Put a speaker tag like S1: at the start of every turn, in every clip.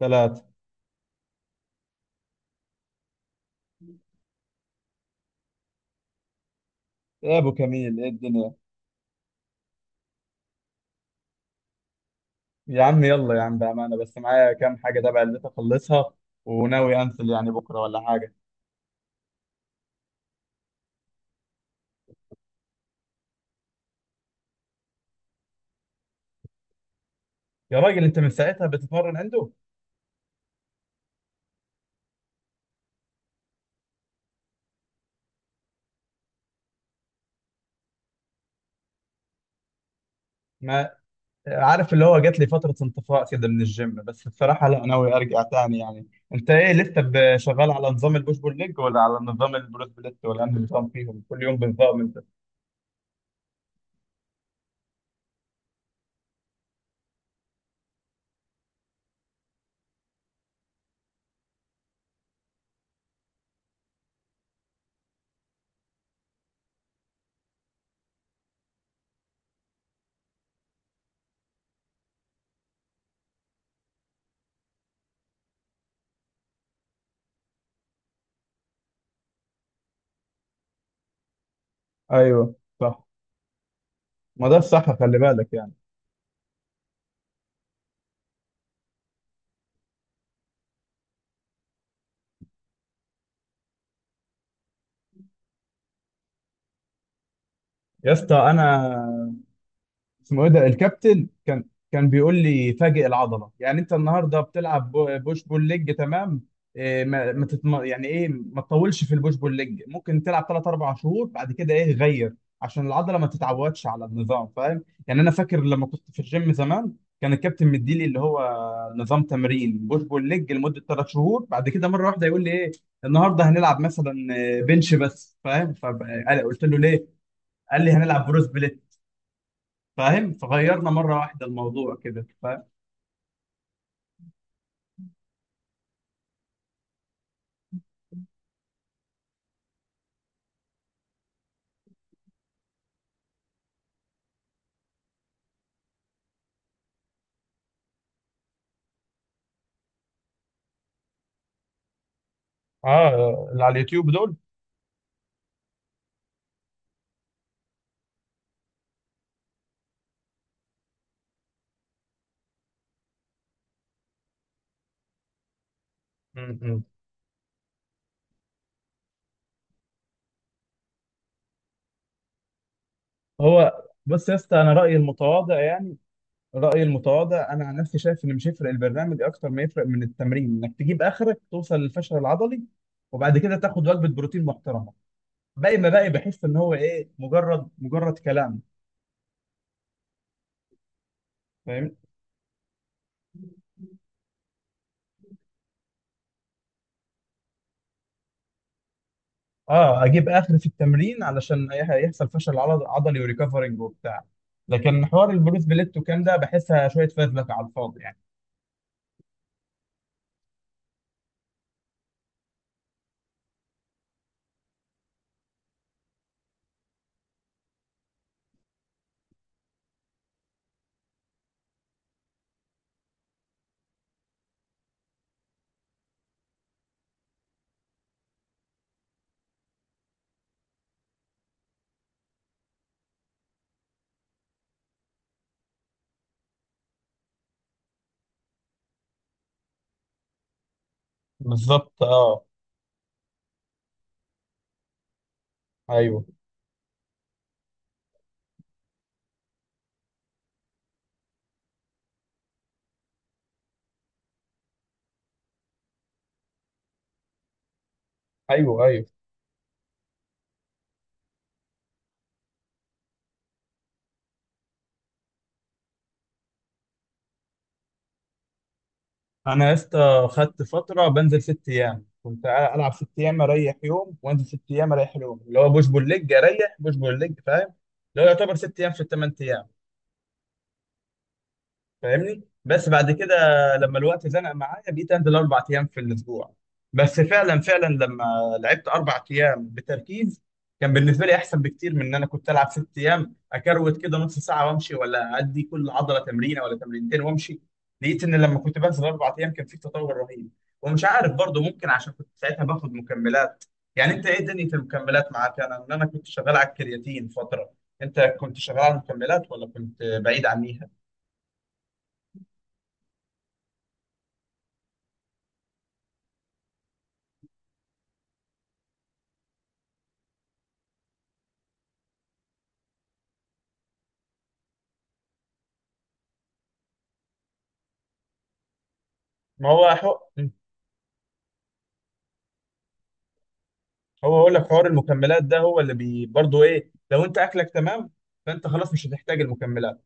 S1: ثلاثة. يا أبو كميل، إيه الدنيا؟ يا عم، يلا يا عم، بأمانة، بس معايا كام حاجة تبع اللي أخلصها، وناوي أنزل يعني بكرة ولا حاجة. يا راجل، أنت من ساعتها بتتمرن عنده؟ ما عارف، اللي هو جات لي فترة انطفاء كده من الجيم، بس بصراحة لا، ناوي أرجع تاني يعني. أنت إيه، لسه شغال على نظام البوش بول ليج، ولا على نظام البروس بليت، ولا أنهي نظام فيهم كل يوم بنظام أنت؟ أيوه، صح. ما ده الصح، خلي بالك يعني. يا اسطى، أنا اسمه ايه ده الكابتن، كان بيقول لي فاجئ العضله، يعني انت النهارده بتلعب بوش بول ليج، تمام. إيه، ما ما تتم... يعني ايه، ما تطولش في البوش بول ليج، ممكن تلعب 3 4 شهور بعد كده ايه غير، عشان العضله ما تتعودش على النظام، فاهم؟ يعني انا فاكر لما كنت في الجيم زمان كان الكابتن مديلي اللي هو نظام تمرين بوش بول ليج لمده 3 شهور. بعد كده مره واحده يقول لي ايه، النهارده هنلعب مثلا بنش بس، فاهم؟ فقلت له ليه؟ قال لي هنلعب بروس، فاهم؟ فغيرنا مره واحده الموضوع كده، فاهم. اه، اللي على اليوتيوب دول. م- م. هو بص يا اسطى، انا رايي المتواضع يعني، رايي المتواضع انا عن نفسي، شايف ان مش يفرق البرنامج اكتر ما يفرق من التمرين، انك تجيب اخرك توصل للفشل العضلي، وبعد كده تاخد وجبه بروتين محترمه. باقي ما باقي، بحس ان هو ايه، مجرد كلام. فاهم، اه، اجيب اخر في التمرين علشان هيحصل فشل عضلي، وريكفرنج وبتاع. لكن حوار البروس بليت وكام ده، بحسها شويه فزلكه على الفاضي يعني. بالظبط، اه، ايوه، ايوه، ايوه. انا يا اسطى، خدت فتره بنزل 6 ايام، كنت العب 6 ايام اريح يوم، وانزل 6 ايام اريح يوم، اللي هو بوش بول ليج اريح بوش بول ليج، فاهم؟ اللي هو يعتبر 6 ايام في ال 8 ايام. فاهمني. بس بعد كده لما الوقت زنق معايا، بقيت انزل 4 ايام في الاسبوع. بس فعلا فعلا، لما لعبت 4 ايام بتركيز، كان بالنسبه لي احسن بكتير من ان انا كنت العب 6 ايام اكروت كده نص ساعه وامشي، ولا ادي كل عضله تمرينه ولا تمرينتين وامشي. لقيت ان لما كنت بنزل 4 ايام كان في تطور رهيب. ومش عارف برضه، ممكن عشان كنت ساعتها باخد مكملات. يعني انت، ايه دنيا المكملات معاك؟ انا ان انا كنت شغال على الكرياتين فتره، انت كنت شغال على المكملات ولا كنت بعيد عنيها؟ ما هو حق. هو هقول لك حوار المكملات ده، هو اللي بي برضه ايه، لو انت اكلك تمام، فانت خلاص مش هتحتاج المكملات.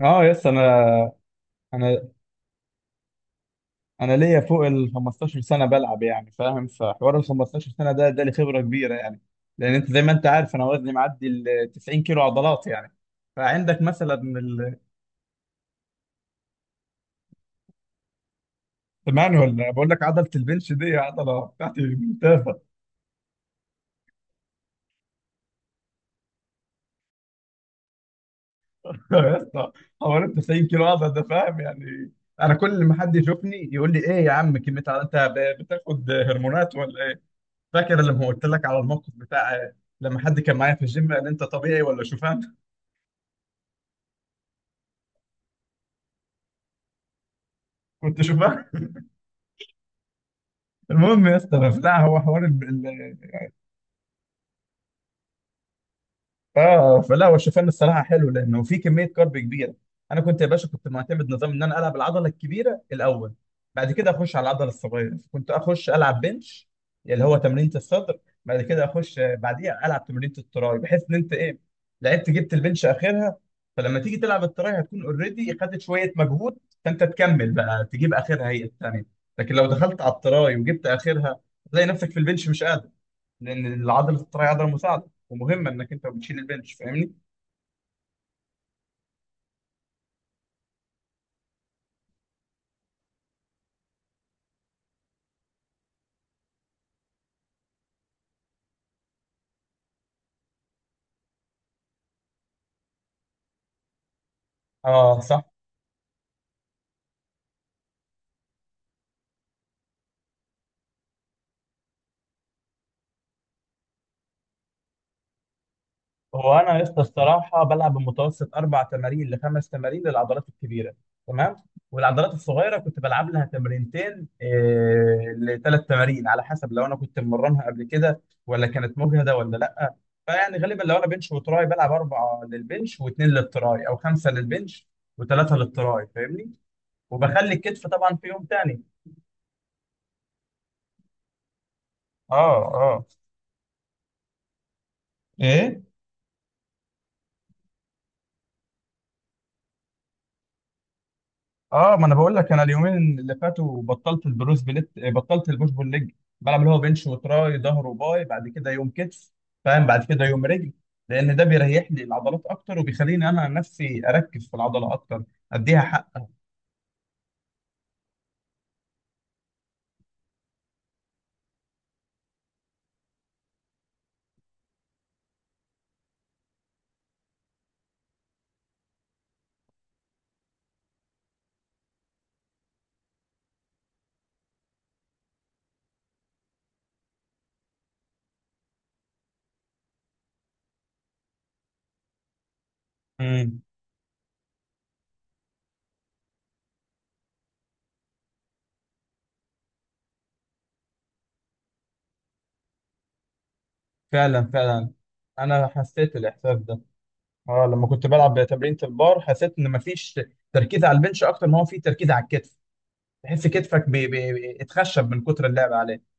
S1: اه، يس، انا انا ليا فوق ال 15 سنه بلعب يعني، فاهم؟ فحوار ال 15 سنه ده لي خبره كبيره يعني، لان انت زي ما انت عارف، انا وزني معدي ال 90 كيلو عضلات يعني. فعندك مثلا سمعني، ولا بقول لك؟ عضله البنش دي عضله بتاعتي ممتازه. يا اسطى، حوالي 90 كيلو عضل ده، فاهم يعني؟ انا كل ما حد يشوفني يقول لي ايه يا عم كميه عضل، انت بتاخد هرمونات ولا ايه؟ فاكر لما قلت لك على الموقف بتاع، لما حد كان معايا في الجيم قال انت طبيعي ولا شوفان؟ كنت شوفان. المهم يا اسطى، لا، هو حوار، اه فلا، هو الشوفان الصراحه حلو لانه في كميه كارب كبيره. انا كنت يا باشا، كنت معتمد نظام ان انا العب العضله الكبيره الاول، بعد كده اخش على العضله الصغيره. كنت اخش العب بنش، اللي هو تمرينه الصدر. بعد كده اخش بعديها العب تمرينه التراي، بحيث ان انت ايه، لعبت جبت البنش اخرها. فلما تيجي تلعب التراي هتكون اوريدي خدت شويه مجهود، فانت تكمل بقى تجيب اخرها هي الثانيه. لكن لو دخلت على التراي وجبت اخرها، هتلاقي نفسك في البنش مش قادر، لان العضله الطريه عضله مساعده ومهمه انك انت بتشيل البنش، فاهمني. اه صح. هو انا يا اسطى الصراحه بلعب بمتوسط اربع تمارين لخمس تمارين للعضلات الكبيره، تمام. والعضلات الصغيره كنت بلعب لها تمرينتين إيه لثلاث تمارين، على حسب لو انا كنت مرنها قبل كده ولا كانت مجهده ولا لا. فيعني غالبا لو انا بنش وتراي، بلعب اربعه للبنش واثنين للتراي، او خمسه للبنش وثلاثه للتراي، فاهمني. وبخلي الكتف طبعا في يوم تاني. اه، اه، ايه، اه. ما انا بقول لك، انا اليومين اللي فاتوا بطلت البروس بليت، بطلت البوش بول ليج. بلعب اللي هو بنش وتراي، ظهر وباي، بعد كده يوم كتف، فاهم. بعد كده يوم رجل، لان ده بيريح لي العضلات اكتر، وبيخليني انا نفسي اركز في العضله اكتر. اديها حق. امم فعلا فعلا، انا حسيت الاحساس ده، اه. لما كنت بلعب تمرينة البار حسيت ان مفيش تركيز على البنش اكتر ما هو في تركيز على الكتف، تحس كتفك بيتخشب من كتر اللعب عليه.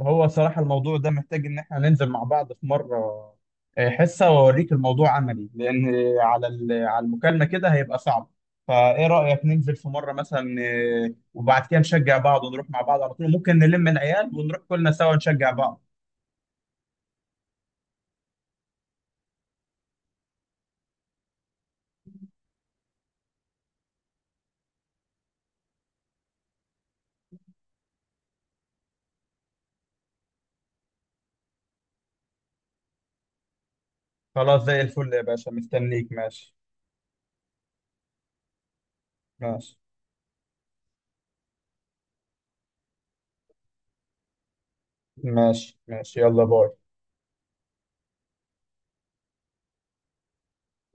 S1: هو صراحة الموضوع ده محتاج إن إحنا ننزل مع بعض في مرة، حصة، وأوريك الموضوع عملي، لأن على على المكالمة كده هيبقى صعب. فإيه رأيك ننزل في مرة مثلا، وبعد كده نشجع بعض ونروح مع بعض على طول. ممكن نلم العيال ونروح كلنا سوا نشجع بعض. خلاص، زي الفل يا باشا، مستنيك. ماشي. ماشي ماشي، ماشي يلا، باي.